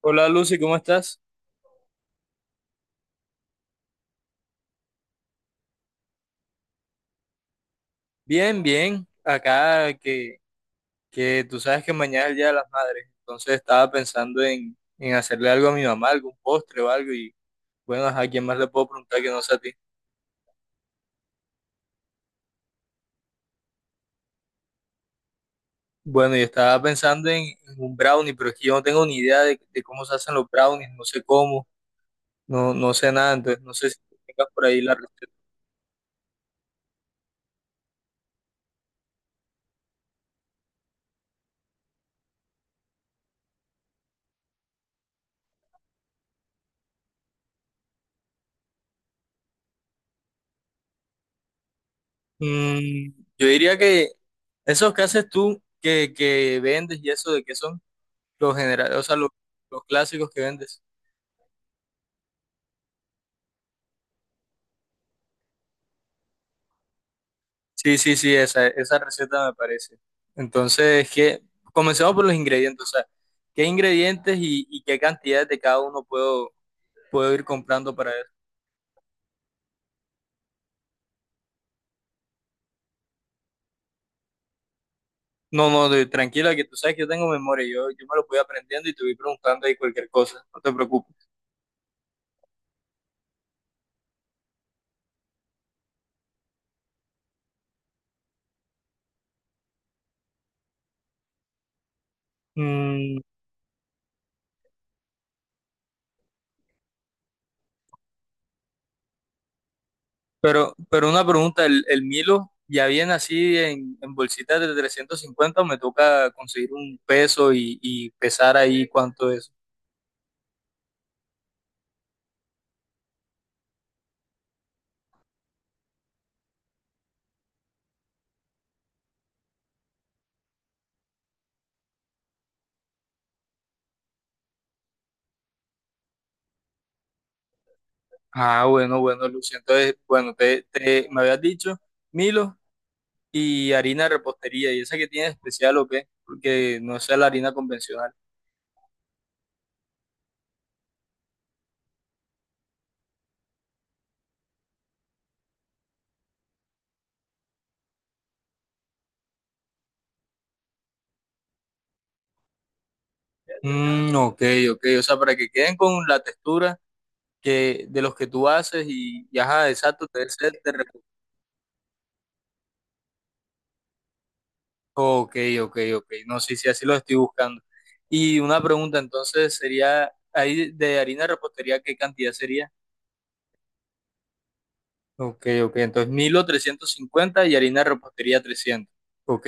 Hola Lucy, ¿cómo estás? Bien, bien. Acá que tú sabes que mañana es el Día de las Madres, entonces estaba pensando en hacerle algo a mi mamá, algún postre o algo, y bueno, ¿a quién más le puedo preguntar que no sea a ti? Bueno, yo estaba pensando en un brownie, pero es que yo no tengo ni idea de cómo se hacen los brownies, no sé cómo, no sé nada, entonces no sé si tú tengas por ahí la receta. Mm, yo diría que esos que haces tú, que vendes y eso, ¿de qué son? Los generales, o sea, los clásicos que vendes. Sí, sí, sí, esa receta me parece. Entonces, ¿qué? Comencemos por los ingredientes, o sea, ¿qué ingredientes y qué cantidades de cada uno puedo ir comprando para eso? No, no, de- Tranquila, que tú sabes que yo tengo memoria, yo me lo voy aprendiendo y te voy preguntando ahí cualquier cosa, no te preocupes. Mm, pero una pregunta, ¿ el Milo ya viene así en bolsitas de 350 o me toca conseguir un peso y pesar ahí cuánto es? Ah, bueno, bueno, Lucio. Entonces, bueno, me habías dicho Milo y harina de repostería. ¿Y esa que tiene de especial o qué? Porque no sea la harina convencional. Mm, ok, ok. O sea, para que queden con la textura que, de los que tú haces y ajá, exacto, te ser de repostería. Ok, ok, ok. No sé si así lo estoy buscando. Y una pregunta, entonces, sería, ahí de harina de repostería, ¿qué cantidad sería? Ok, ok. Entonces, Milo 350 y harina de repostería 300. Ok.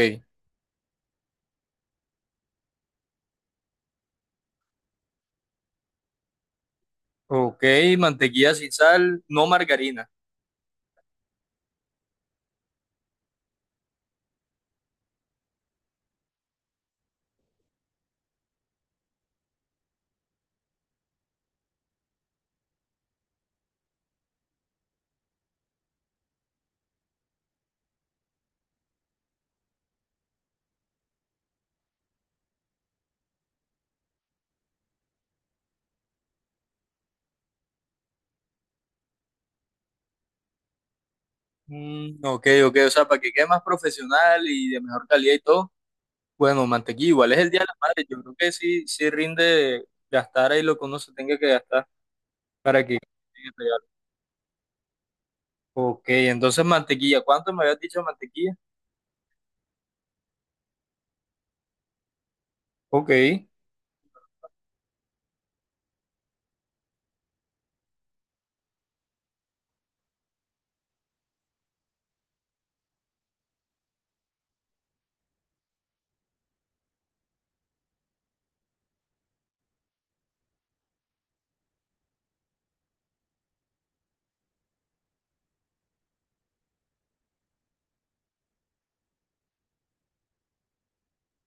Ok, mantequilla sin sal, no margarina. Mm, ok, ok, o sea, para que quede más profesional y de mejor calidad y todo. Bueno, mantequilla, igual es el Día de las Madres. Yo creo que sí, sí rinde gastar ahí lo que uno se tenga que gastar para que quede real. Ok, entonces mantequilla, ¿cuánto me habías dicho de mantequilla? Ok,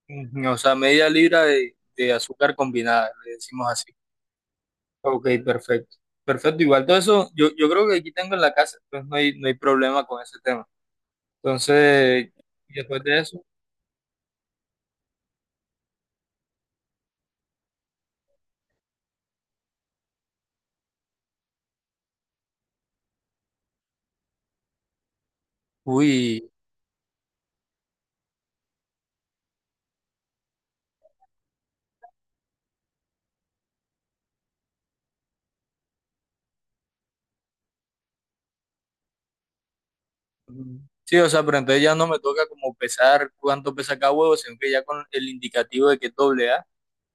ujú, o sea, media libra de azúcar combinada, le decimos así. Ok, perfecto. Perfecto, igual todo eso, yo creo que aquí tengo en la casa, entonces no hay, no hay problema con ese tema. Entonces, y después de eso, uy, sí, o sea, pero entonces ya no me toca como pesar cuánto pesa cada huevo, sino que ya con el indicativo de que es doble A,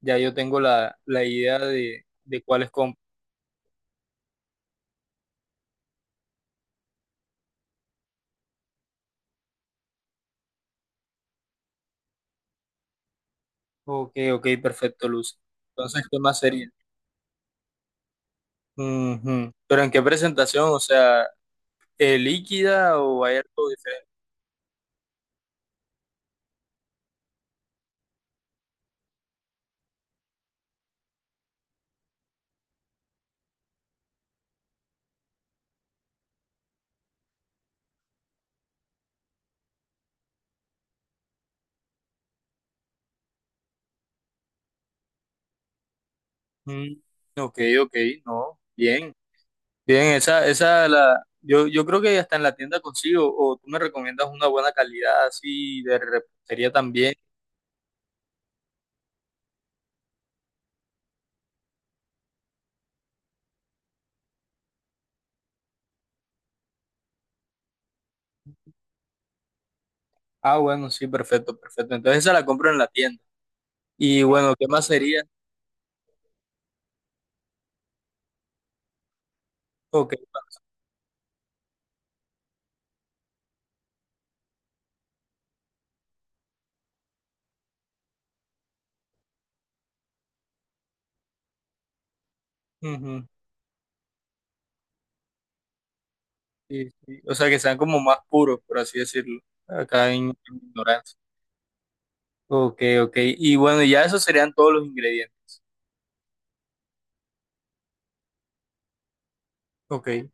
ya yo tengo la idea de cuáles compro. Ok, ok, perfecto, Luz. Entonces, ¿qué más sería? Ujú. Pero ¿en qué presentación? O sea, ¿eh, líquida o hay algo diferente? Mm, ok, ok, no, bien. Bien, yo creo que hasta en la tienda consigo, o tú me recomiendas una buena calidad así de repostería también. Ah, bueno, sí, perfecto, perfecto. Entonces esa la compro en la tienda. Y bueno, ¿qué más sería? Ok. Ujú, sí, sí. O sea, que sean como más puros, por así decirlo, acá en ignorancia. Ok, ok. Y bueno, ya esos serían todos los ingredientes. Ok.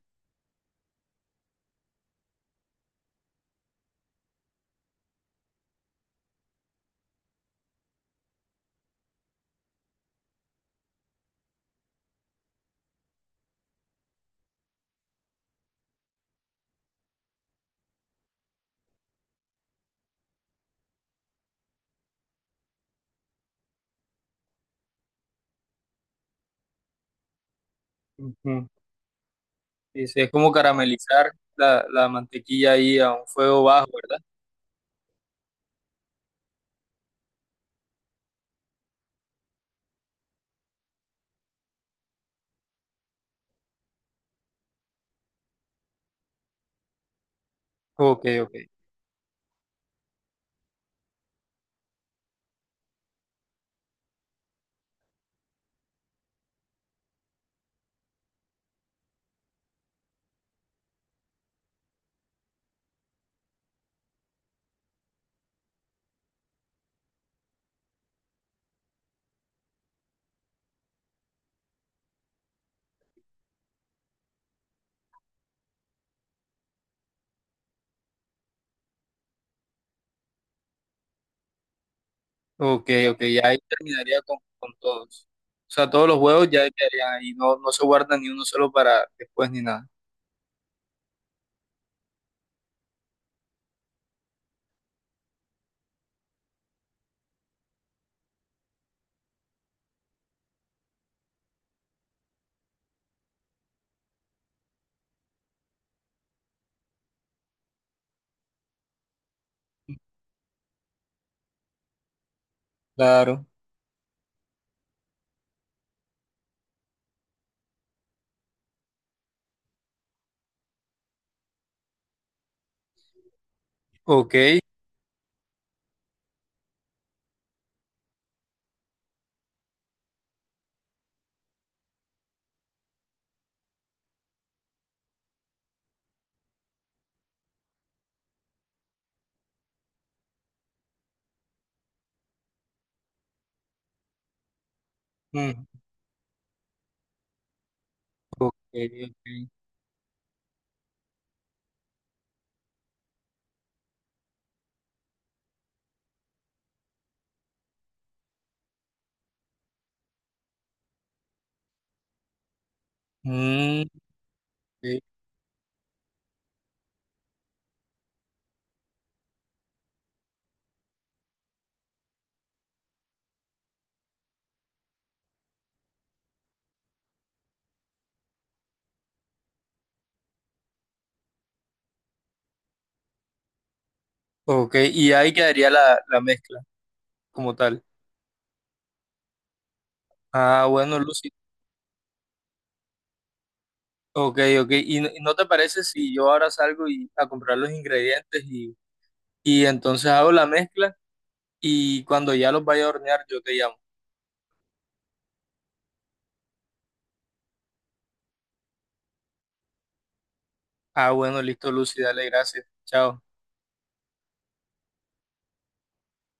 Ujú. Sí, sí, es como caramelizar la mantequilla ahí a un fuego bajo, ¿verdad? Ok, ok. Ok, ok, ya ahí terminaría con todos. O sea, todos los huevos ya quedarían ahí, no, no se guarda ni uno solo para después ni nada. Claro. Ok. Mm, ok, ok. Mm, ok, ok, y ahí quedaría la mezcla como tal. Ah, bueno, Lucy. Ok, ok. Y no te parece si yo ahora salgo y, a comprar los ingredientes y entonces hago la mezcla y cuando ya los vaya a hornear yo te llamo? Ah, bueno, listo, Lucy, dale, gracias. Chao.